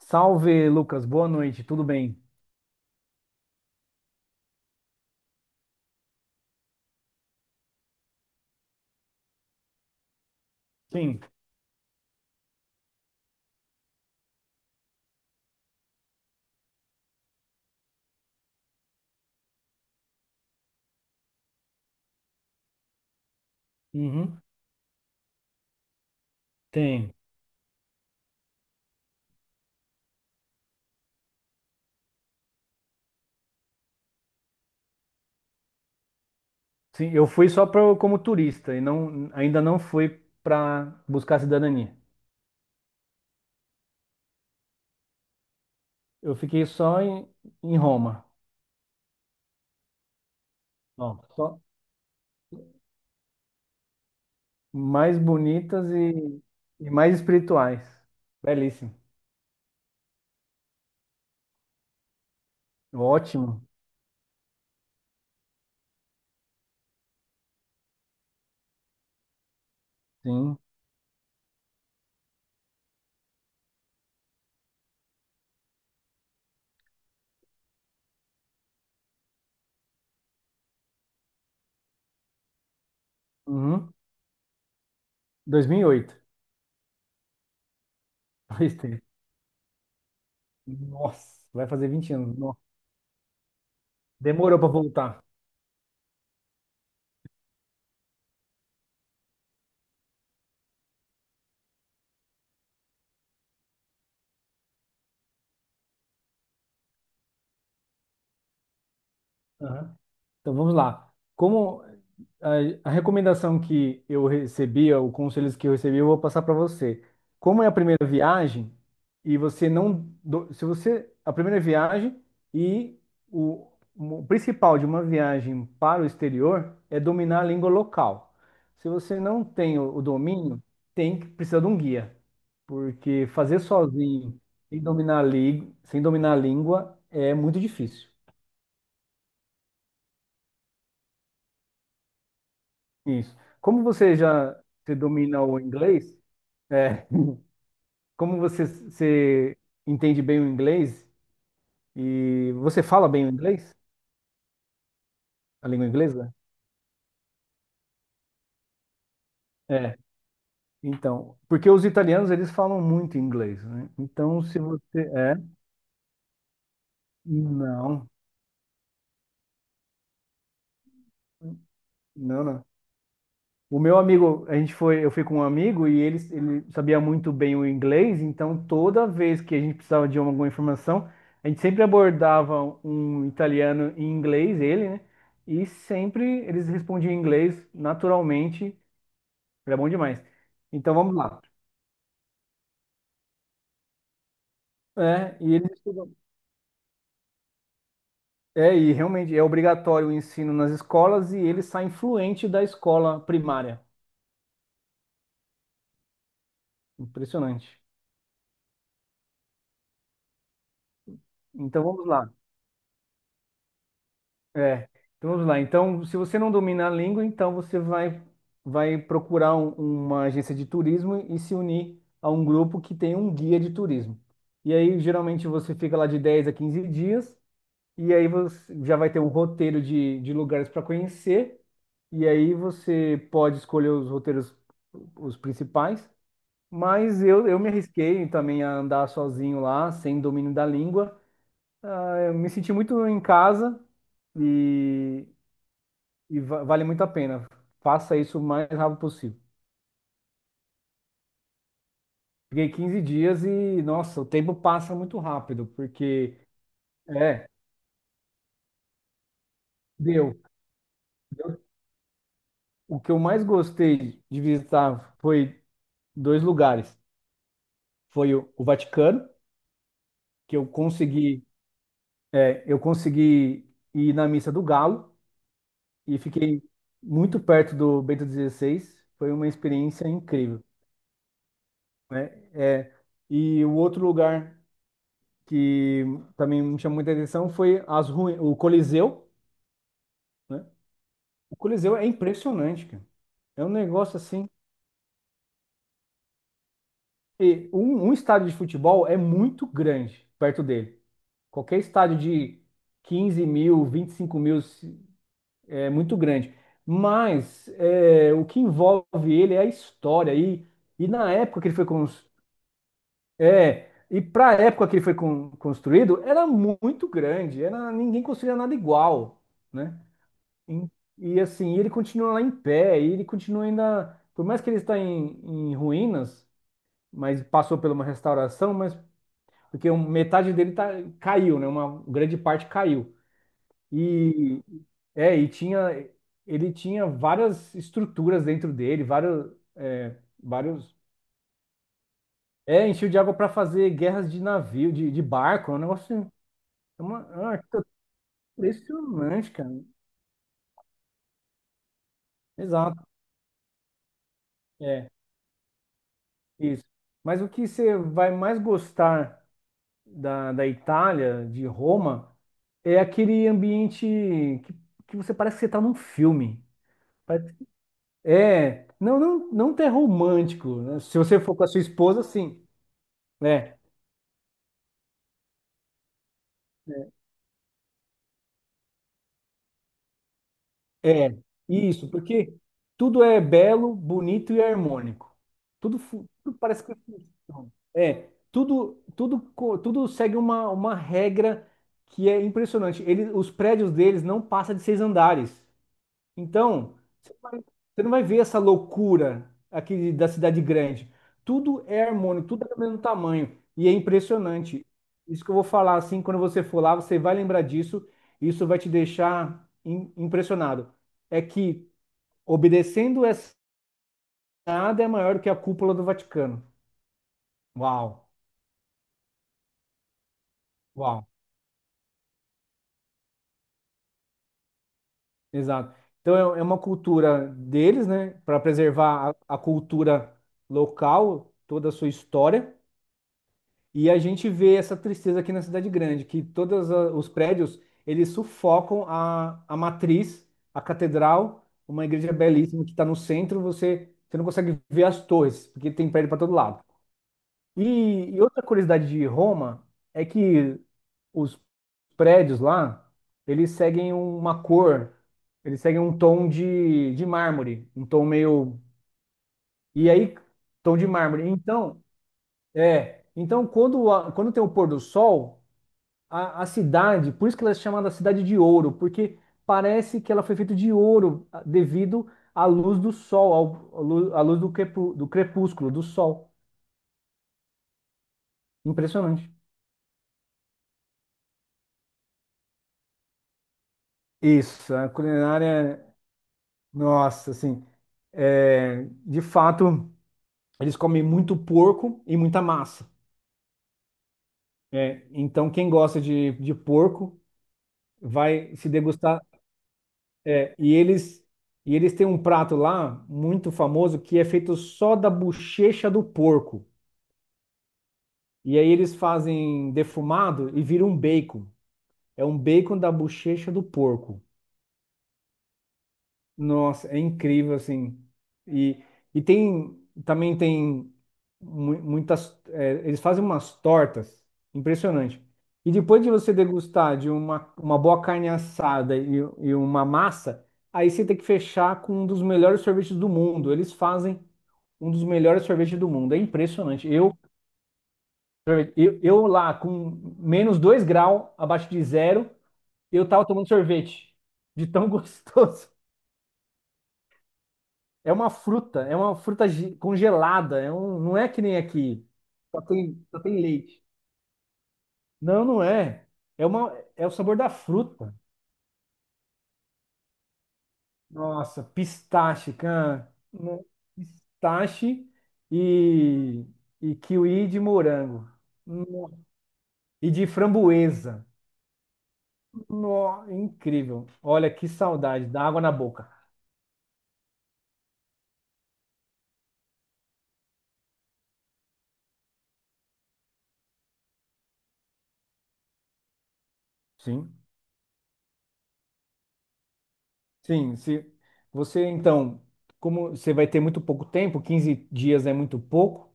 Salve, Lucas. Boa noite. Tudo bem? Sim. Uhum. Tem. Sim, eu fui só pra, como turista e não, ainda não fui para buscar cidadania. Eu fiquei só em, em Roma. Ó, só mais bonitas e mais espirituais. Belíssimo. Ótimo. Sim. Uhum. 2008. Pois tem. Nossa, vai fazer 20 anos. Nossa. Demorou para voltar. Aham. Então vamos lá. Como a recomendação que eu recebi, o conselhos que eu recebi, eu vou passar para você. Como é a primeira viagem e você não, se você a primeira viagem e o, o principal de uma viagem para o exterior é dominar a língua local. Se você não tem o domínio, tem que precisar de um guia, porque fazer sozinho sem dominar sem dominar a língua é muito difícil. Isso. Como você já você domina o inglês, é, como você entende bem o inglês e você fala bem o inglês, a língua inglesa? É. Então, porque os italianos eles falam muito inglês, né? Então, se você é, não, não, não. O meu amigo, a gente foi, eu fui com um amigo e ele sabia muito bem o inglês, então toda vez que a gente precisava de alguma informação, a gente sempre abordava um italiano em inglês, ele, né? E sempre eles respondiam em inglês naturalmente, era bom demais. Então vamos lá. É, e eles estudam. É, e realmente é obrigatório o ensino nas escolas e ele sai fluente da escola primária. Impressionante. Então vamos lá. É, então vamos lá. Então, se você não domina a língua, então você vai, vai procurar uma agência de turismo e se unir a um grupo que tem um guia de turismo. E aí, geralmente, você fica lá de 10 a 15 dias, e aí você já vai ter um roteiro de lugares para conhecer, e aí você pode escolher os roteiros, os principais. Mas eu me arrisquei também a andar sozinho lá, sem domínio da língua. É, eu me senti muito em casa. E, vale muito a pena. Faça isso o mais rápido possível. Fiquei 15 dias e, nossa, o tempo passa muito rápido, porque é, deu. Deu. O que eu mais gostei de visitar foi dois lugares. Foi o Vaticano, que eu consegui, é, eu consegui ir na Missa do Galo e fiquei muito perto do Bento XVI. Foi uma experiência incrível, né? É, e o outro lugar que também me chamou muita atenção foi as ruínas, o Coliseu, né? O Coliseu é impressionante, cara. É um negócio assim. E um estádio de futebol é muito grande perto dele. Qualquer estádio de 15 mil, 25 mil é muito grande. Mas é, o que envolve ele é a história. E na época que ele foi é, e para a época que ele foi construído, era muito grande. Era, ninguém construía nada igual, né? Em- E assim, ele continua lá em pé, e ele continua ainda, por mais que ele está em, em ruínas, mas passou por uma restauração, mas porque metade dele tá, caiu, né? Uma grande parte caiu. E é, e tinha ele tinha várias estruturas dentro dele, é, vários é, encheu de água para fazer guerras de navio, de barco, é um negócio, é uma arquitetura impressionante, cara. Exato. É, isso. Mas o que você vai mais gostar da Itália, de Roma, é aquele ambiente que, que você parece que você está num filme. Pare- É, não, não, não ter romântico, né? Se você for com a sua esposa, sim, né? É, é isso, porque tudo é belo, bonito e harmônico. Tudo, tudo parece que funciona. É, tudo, tudo, tudo segue uma regra que é impressionante. Eles os prédios deles não passam de 6 andares. Então, você não vai você não vai ver essa loucura aqui da cidade grande. Tudo é harmônico, tudo é do mesmo tamanho. E é impressionante. Isso que eu vou falar, assim, quando você for lá, você vai lembrar disso. E isso vai te deixar impressionado. É que obedecendo essa, nada é maior do que a cúpula do Vaticano. Uau, uau, exato. Então é é uma cultura deles, né, para preservar a cultura local, toda a sua história. E a gente vê essa tristeza aqui na cidade grande, que todos os prédios, eles sufocam a matriz, a catedral, uma igreja belíssima que está no centro, você, você não consegue ver as torres, porque tem prédio para todo lado. E outra curiosidade de Roma é que os prédios lá, eles seguem uma cor, eles seguem um tom de mármore, um tom meio... E aí, tom de mármore. Então, é... Então, quando, quando tem o pôr do sol a cidade, por isso que ela é chamada Cidade de Ouro, porque parece que ela foi feita de ouro ah, devido à luz do sol, à luz do, do crepúsculo, do sol. Impressionante. Isso, a culinária, nossa, assim, é, de fato, eles comem muito porco e muita massa. É, então, quem gosta de porco vai se degustar. É, e eles têm um prato lá muito famoso que é feito só da bochecha do porco. E aí eles fazem defumado e vira um bacon. É um bacon da bochecha do porco. Nossa, é incrível assim. E, e tem também tem muitas. É, eles fazem umas tortas impressionante. E depois de você degustar de uma boa carne assada e uma massa, aí você tem que fechar com um dos melhores sorvetes do mundo. Eles fazem um dos melhores sorvetes do mundo. É impressionante. Eu lá, com -2 graus, abaixo de zero, eu tava tomando sorvete. De tão gostoso. É uma fruta, congelada. É um, não é que nem aqui. Só tem leite. Não, não é. É uma, é o sabor da fruta. Nossa, pistache, cara. Não, pistache e, e kiwi de morango. No- E de framboesa. Incrível. Olha que saudade, dá água na boca. Sim. Sim, se você então, como você vai ter muito pouco tempo, 15 dias é muito pouco,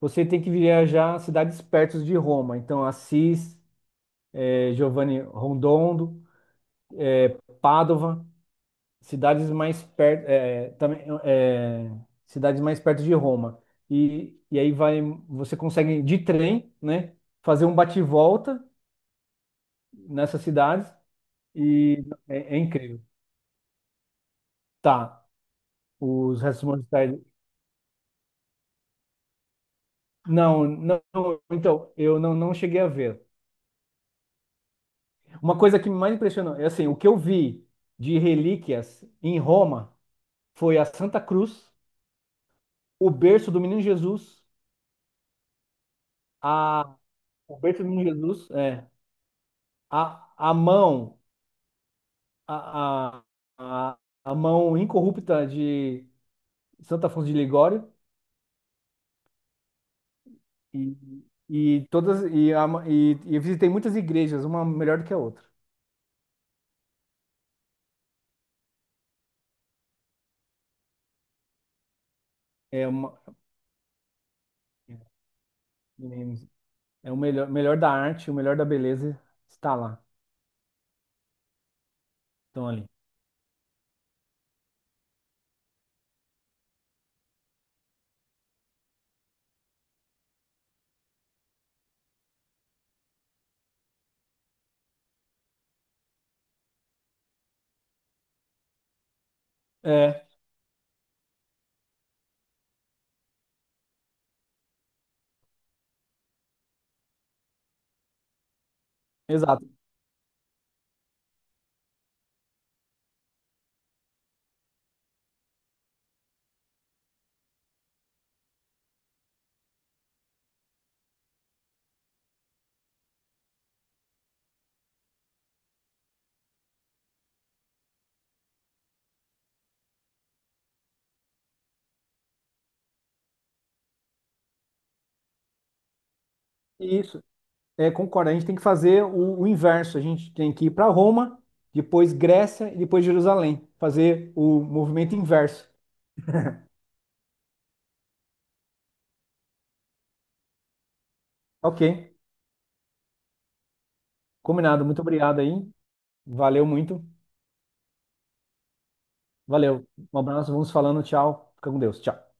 você tem que viajar a cidades perto de Roma, então Assis, Giovanni Rotondo, Padova, cidades mais perto, também, cidades mais perto de Roma. E aí vai, você consegue de trem, né, fazer um bate-volta nessas cidades e é, é incrível. Tá, os restos mortais. Não, não, então, eu não, não cheguei a ver. Uma coisa que me mais impressionou, é assim, o que eu vi de relíquias em Roma foi a Santa Cruz, o berço do Menino Jesus, a, o berço do Menino Jesus, é, a, a mão, a, a, a a mão incorrupta de Santo Afonso de Ligório e, e todas e, e eu visitei muitas igrejas, uma melhor do que a outra. É uma, é, é o melhor, melhor da arte, o melhor da beleza está lá. Então, ali. É, exato. Isso. É, concordo. A gente tem que fazer o inverso. A gente tem que ir para Roma, depois Grécia e depois Jerusalém. Fazer o movimento inverso. Ok. Combinado. Muito obrigado aí. Valeu muito. Valeu. Um abraço. Vamos falando. Tchau. Fica com Deus. Tchau.